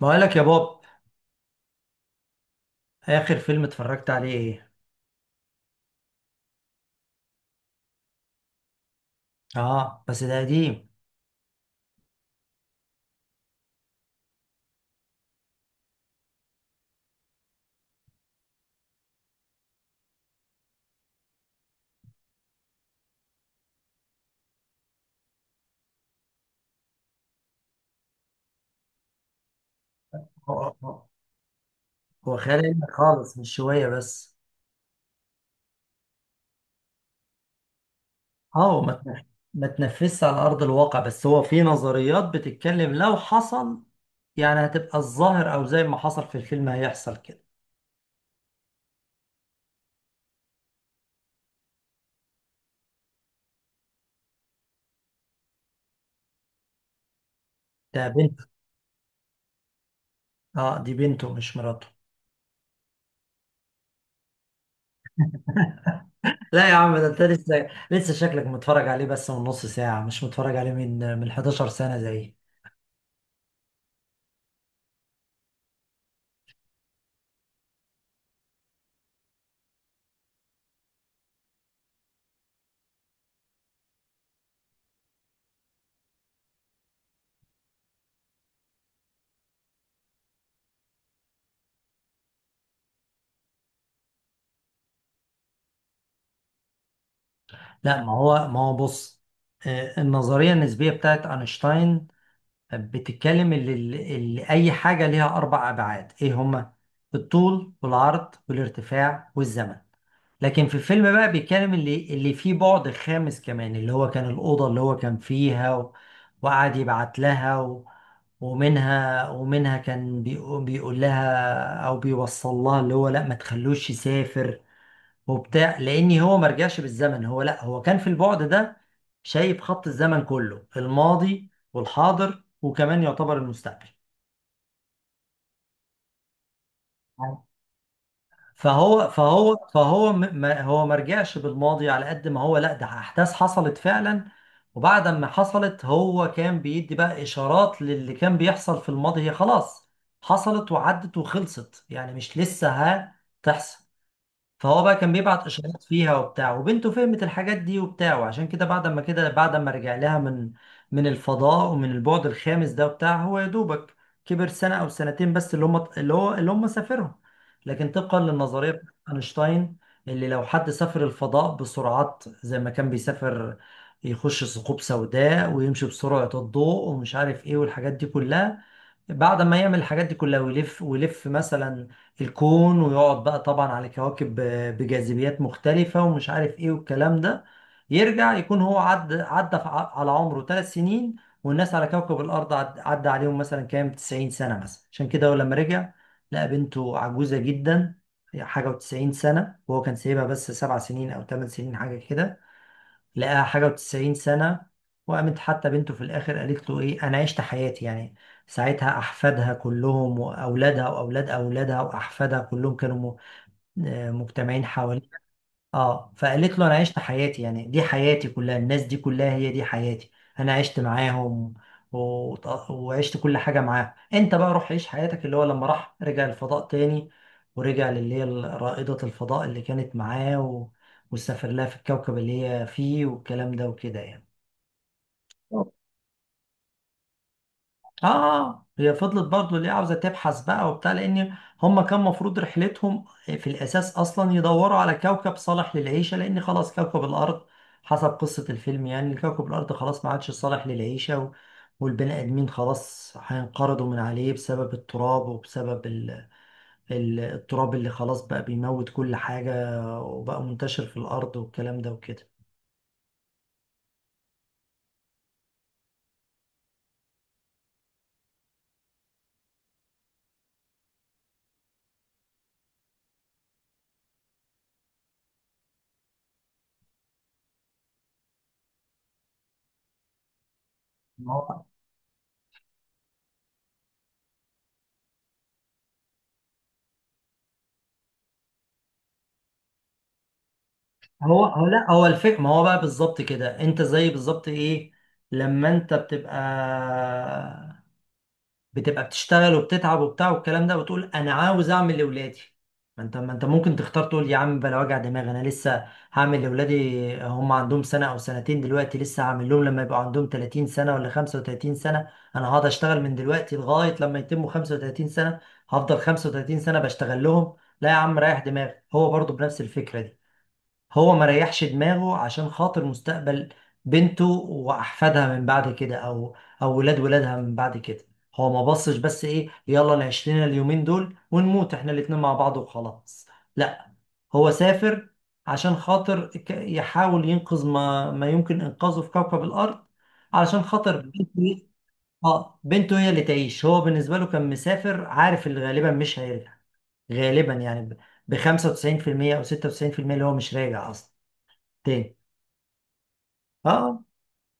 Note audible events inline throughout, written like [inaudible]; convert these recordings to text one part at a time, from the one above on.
بقول لك يا بوب، اخر فيلم اتفرجت عليه ايه؟ اه بس ده قديم. هو هو- هو خيال علمي خالص مش شويه بس. اه هو ما تنفذش على ارض الواقع، بس هو في نظريات بتتكلم لو حصل يعني هتبقى الظاهر، او زي ما حصل في الفيلم هيحصل كده. ده بنت. اه دي بنته مش مراته. لا يا عم، ده انت لسه شكلك متفرج عليه بس من نص ساعه، مش متفرج عليه من 11 سنه زي. لا ما هو ما هو بص، النظريه النسبيه بتاعت اينشتاين بتتكلم اللي أي حاجة ليها أربع أبعاد، إيه هما؟ الطول والعرض والارتفاع والزمن. لكن في الفيلم بقى بيتكلم اللي فيه بعد خامس كمان، اللي هو كان الأوضة اللي هو كان فيها و... وقعد يبعت لها و... ومنها كان بيقول لها أو بيوصل لها اللي هو لأ ما تخلوش يسافر وبتاع، لان هو ما رجعش بالزمن، هو لا هو كان في البعد ده، شايف خط الزمن كله، الماضي والحاضر وكمان يعتبر المستقبل. فهو ما رجعش بالماضي على قد ما هو، لا ده احداث حصلت فعلا، وبعد ما حصلت هو كان بيدي بقى اشارات للي كان بيحصل في الماضي، هي خلاص حصلت وعدت وخلصت يعني، مش لسه هتحصل. فهو بقى كان بيبعت اشارات فيها وبتاع، وبنته فهمت الحاجات دي وبتاع، وعشان كده بعد ما كده بعد ما رجع لها من الفضاء ومن البعد الخامس ده وبتاع، هو يا دوبك كبر سنة او سنتين بس، اللي هم اللي هو اللي هم سافرهم. لكن طبقا للنظرية بتاعت اينشتاين، اللي لو حد سافر الفضاء بسرعات زي ما كان بيسافر، يخش ثقوب سوداء ويمشي بسرعة الضوء ومش عارف ايه والحاجات دي كلها، بعد ما يعمل الحاجات دي كلها ويلف ويلف مثلا الكون ويقعد بقى طبعا على كواكب بجاذبيات مختلفة ومش عارف ايه والكلام ده، يرجع يكون هو عدى في على عمره 3 سنين، والناس على كوكب الأرض عدى عليهم مثلا كام 90 سنة مثلا. عشان كده هو لما رجع لقى بنته عجوزة جدا، حاجة و90 سنة، وهو كان سايبها بس 7 سنين أو 8 سنين حاجة كده، لقاها حاجة وتسعين سنة. وقامت حتى بنته في الآخر قالت له إيه، أنا عشت حياتي يعني، ساعتها أحفادها كلهم وأولادها وأولاد أولادها وأحفادها كلهم كانوا مجتمعين حواليها. اه فقالت له انا عشت حياتي يعني، دي حياتي كلها، الناس دي كلها هي دي حياتي، انا عشت معاهم و... وعشت كل حاجه معاهم، انت بقى روح عيش حياتك. اللي هو لما راح رجع الفضاء تاني ورجع للي هي رائده الفضاء اللي كانت معاه و... وسافر لها في الكوكب اللي هي فيه والكلام ده وكده يعني. اه هي فضلت برضو ليه عاوزه تبحث بقى وبتاع، لان هم كان مفروض رحلتهم في الاساس اصلا يدوروا على كوكب صالح للعيشه، لان خلاص كوكب الارض حسب قصه الفيلم يعني كوكب الارض خلاص ما عادش صالح للعيشه، و... والبني ادمين خلاص هينقرضوا من عليه بسبب التراب وبسبب التراب اللي خلاص بقى بيموت كل حاجه وبقى منتشر في الارض والكلام ده وكده. هو لا هو الفكرة، ما هو بقى بالظبط كده، انت زي بالظبط ايه لما انت بتبقى بتشتغل وبتتعب وبتاع والكلام ده، وتقول انا عاوز اعمل لاولادي. ما انت ممكن تختار تقول يا عم بلا وجع دماغ، انا لسه هعمل لاولادي، هم عندهم سنة او سنتين دلوقتي، لسه هعمل لهم لما يبقوا عندهم 30 سنة ولا 35 سنة، انا هقعد اشتغل من دلوقتي لغاية لما يتموا 35 سنة، هفضل 35 سنة بشتغل لهم؟ لا يا عم ريح دماغك. هو برضه بنفس الفكرة، هو ما ريحش دماغه عشان خاطر مستقبل بنته واحفادها من بعد كده، او او ولاد ولادها من بعد كده. هو ما بصش بس ايه، يلا نعيش لنا اليومين دول ونموت احنا الاتنين مع بعض وخلاص، لا هو سافر عشان خاطر يحاول ينقذ ما يمكن انقاذه في كوكب الارض، علشان خاطر بنته اه بنته هي اللي تعيش. هو بالنسبه له كان مسافر عارف اللي غالبا مش هيرجع، غالبا يعني ب 95% او 96%، اللي هو مش راجع اصلا تاني. اه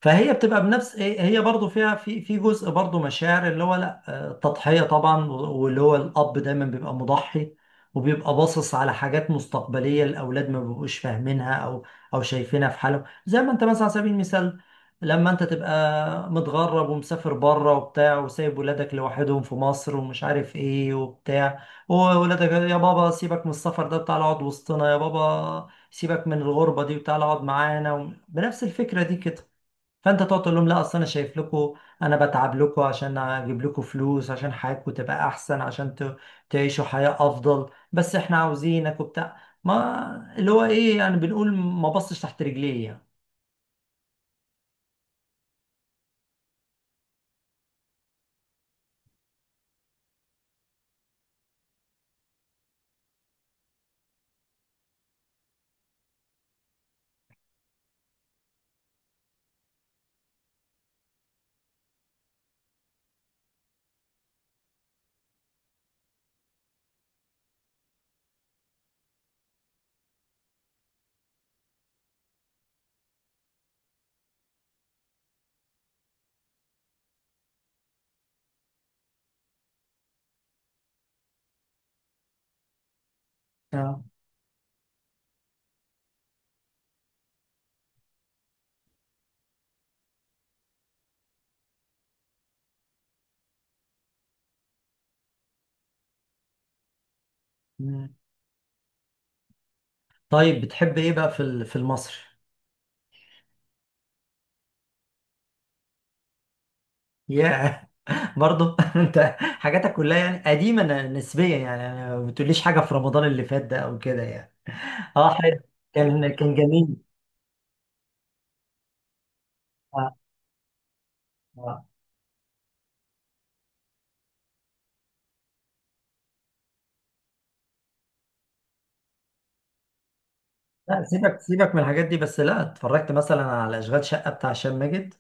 فهي بتبقى بنفس هي برضو فيها في جزء برضو مشاعر، اللي هو لا تضحية طبعا واللي هو الأب دايما بيبقى مضحي، وبيبقى باصص على حاجات مستقبلية الأولاد ما بيبقوش فاهمينها، أو أو شايفينها في حالهم، زي ما أنت مثلا على سبيل المثال لما أنت تبقى متغرب ومسافر بره وبتاع، وسايب ولادك لوحدهم في مصر، ومش عارف إيه وبتاع، وولادك يا بابا سيبك من السفر ده تعالى اقعد وسطنا، يا بابا سيبك من الغربة دي وتعالى اقعد معانا، بنفس الفكرة دي كده. فانت تقعد تقول لهم لا اصل انا شايف لكم، انا بتعب لكم عشان اجيب لكم فلوس عشان حياتكم تبقى احسن، عشان تعيشوا حياة افضل. بس احنا عاوزينك وبتاع، ما اللي هو ايه يعني، بنقول ما بصش تحت رجليه يعني. اه. مم. طيب بتحب ايه بقى في في المصري؟ ياه. [laughs] برضه [laughs] انت حاجاتك كلها يعني قديمة نسبيا يعني، يعني ما بتقوليش حاجة في رمضان اللي فات ده او كده يعني؟ اه حلو. كان كان جميل. آه. آه. لا سيبك سيبك من الحاجات دي، بس لا اتفرجت مثلا على اشغال شقه بتاع هشام ماجد؟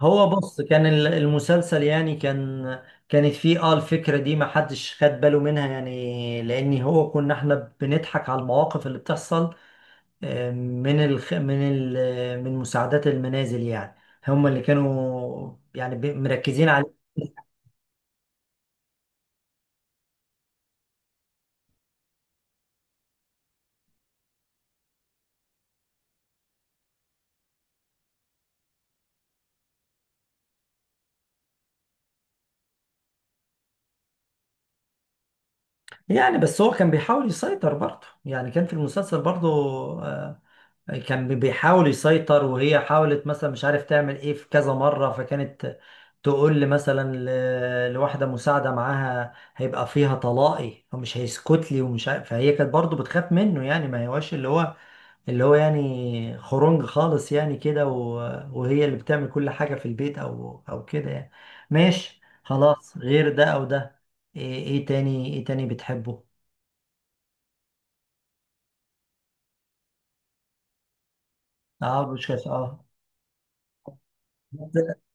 هو بص، كان المسلسل يعني كان، كانت فيه اه الفكره دي ما حدش خد باله منها يعني، لان هو كنا احنا بنضحك على المواقف اللي بتحصل، آه، من الخ... من ال... من مساعدات المنازل يعني، هم اللي كانوا يعني مركزين عليه. يعني بس هو كان بيحاول يسيطر برضه، يعني كان في المسلسل برضه آه، كان بيحاول يسيطر، وهي حاولت مثلا مش عارف تعمل ايه في كذا مرة، فكانت تقول لي مثلا لواحدة مساعدة معاها هيبقى فيها طلاقي ومش هيسكت لي ومش عارف، فهي كانت برضو بتخاف منه يعني، ما هواش اللي هو اللي هو يعني خرنج خالص يعني كده، وهي اللي بتعمل كل حاجة في البيت او او كده يعني. ماشي خلاص، غير ده او ده، إيه تاني ايه تاني بتحبه؟ اه مش كده اه. [laughs]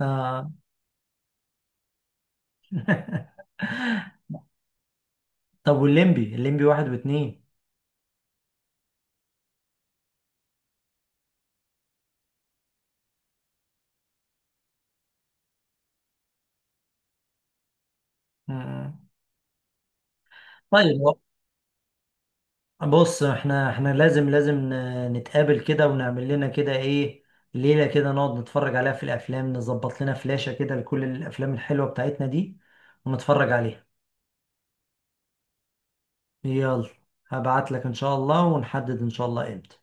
آه. [laughs] طب والليمبي، الليمبي واحد واتنين؟ مم. طيب بص احنا لازم نتقابل كده ونعمل لنا كده ايه، ليلة كده نقعد نتفرج عليها في الافلام، نظبط لنا فلاشة كده لكل الافلام الحلوة بتاعتنا دي ونتفرج عليها. يلا هبعت لك ان شاء الله ونحدد ان شاء الله امتى.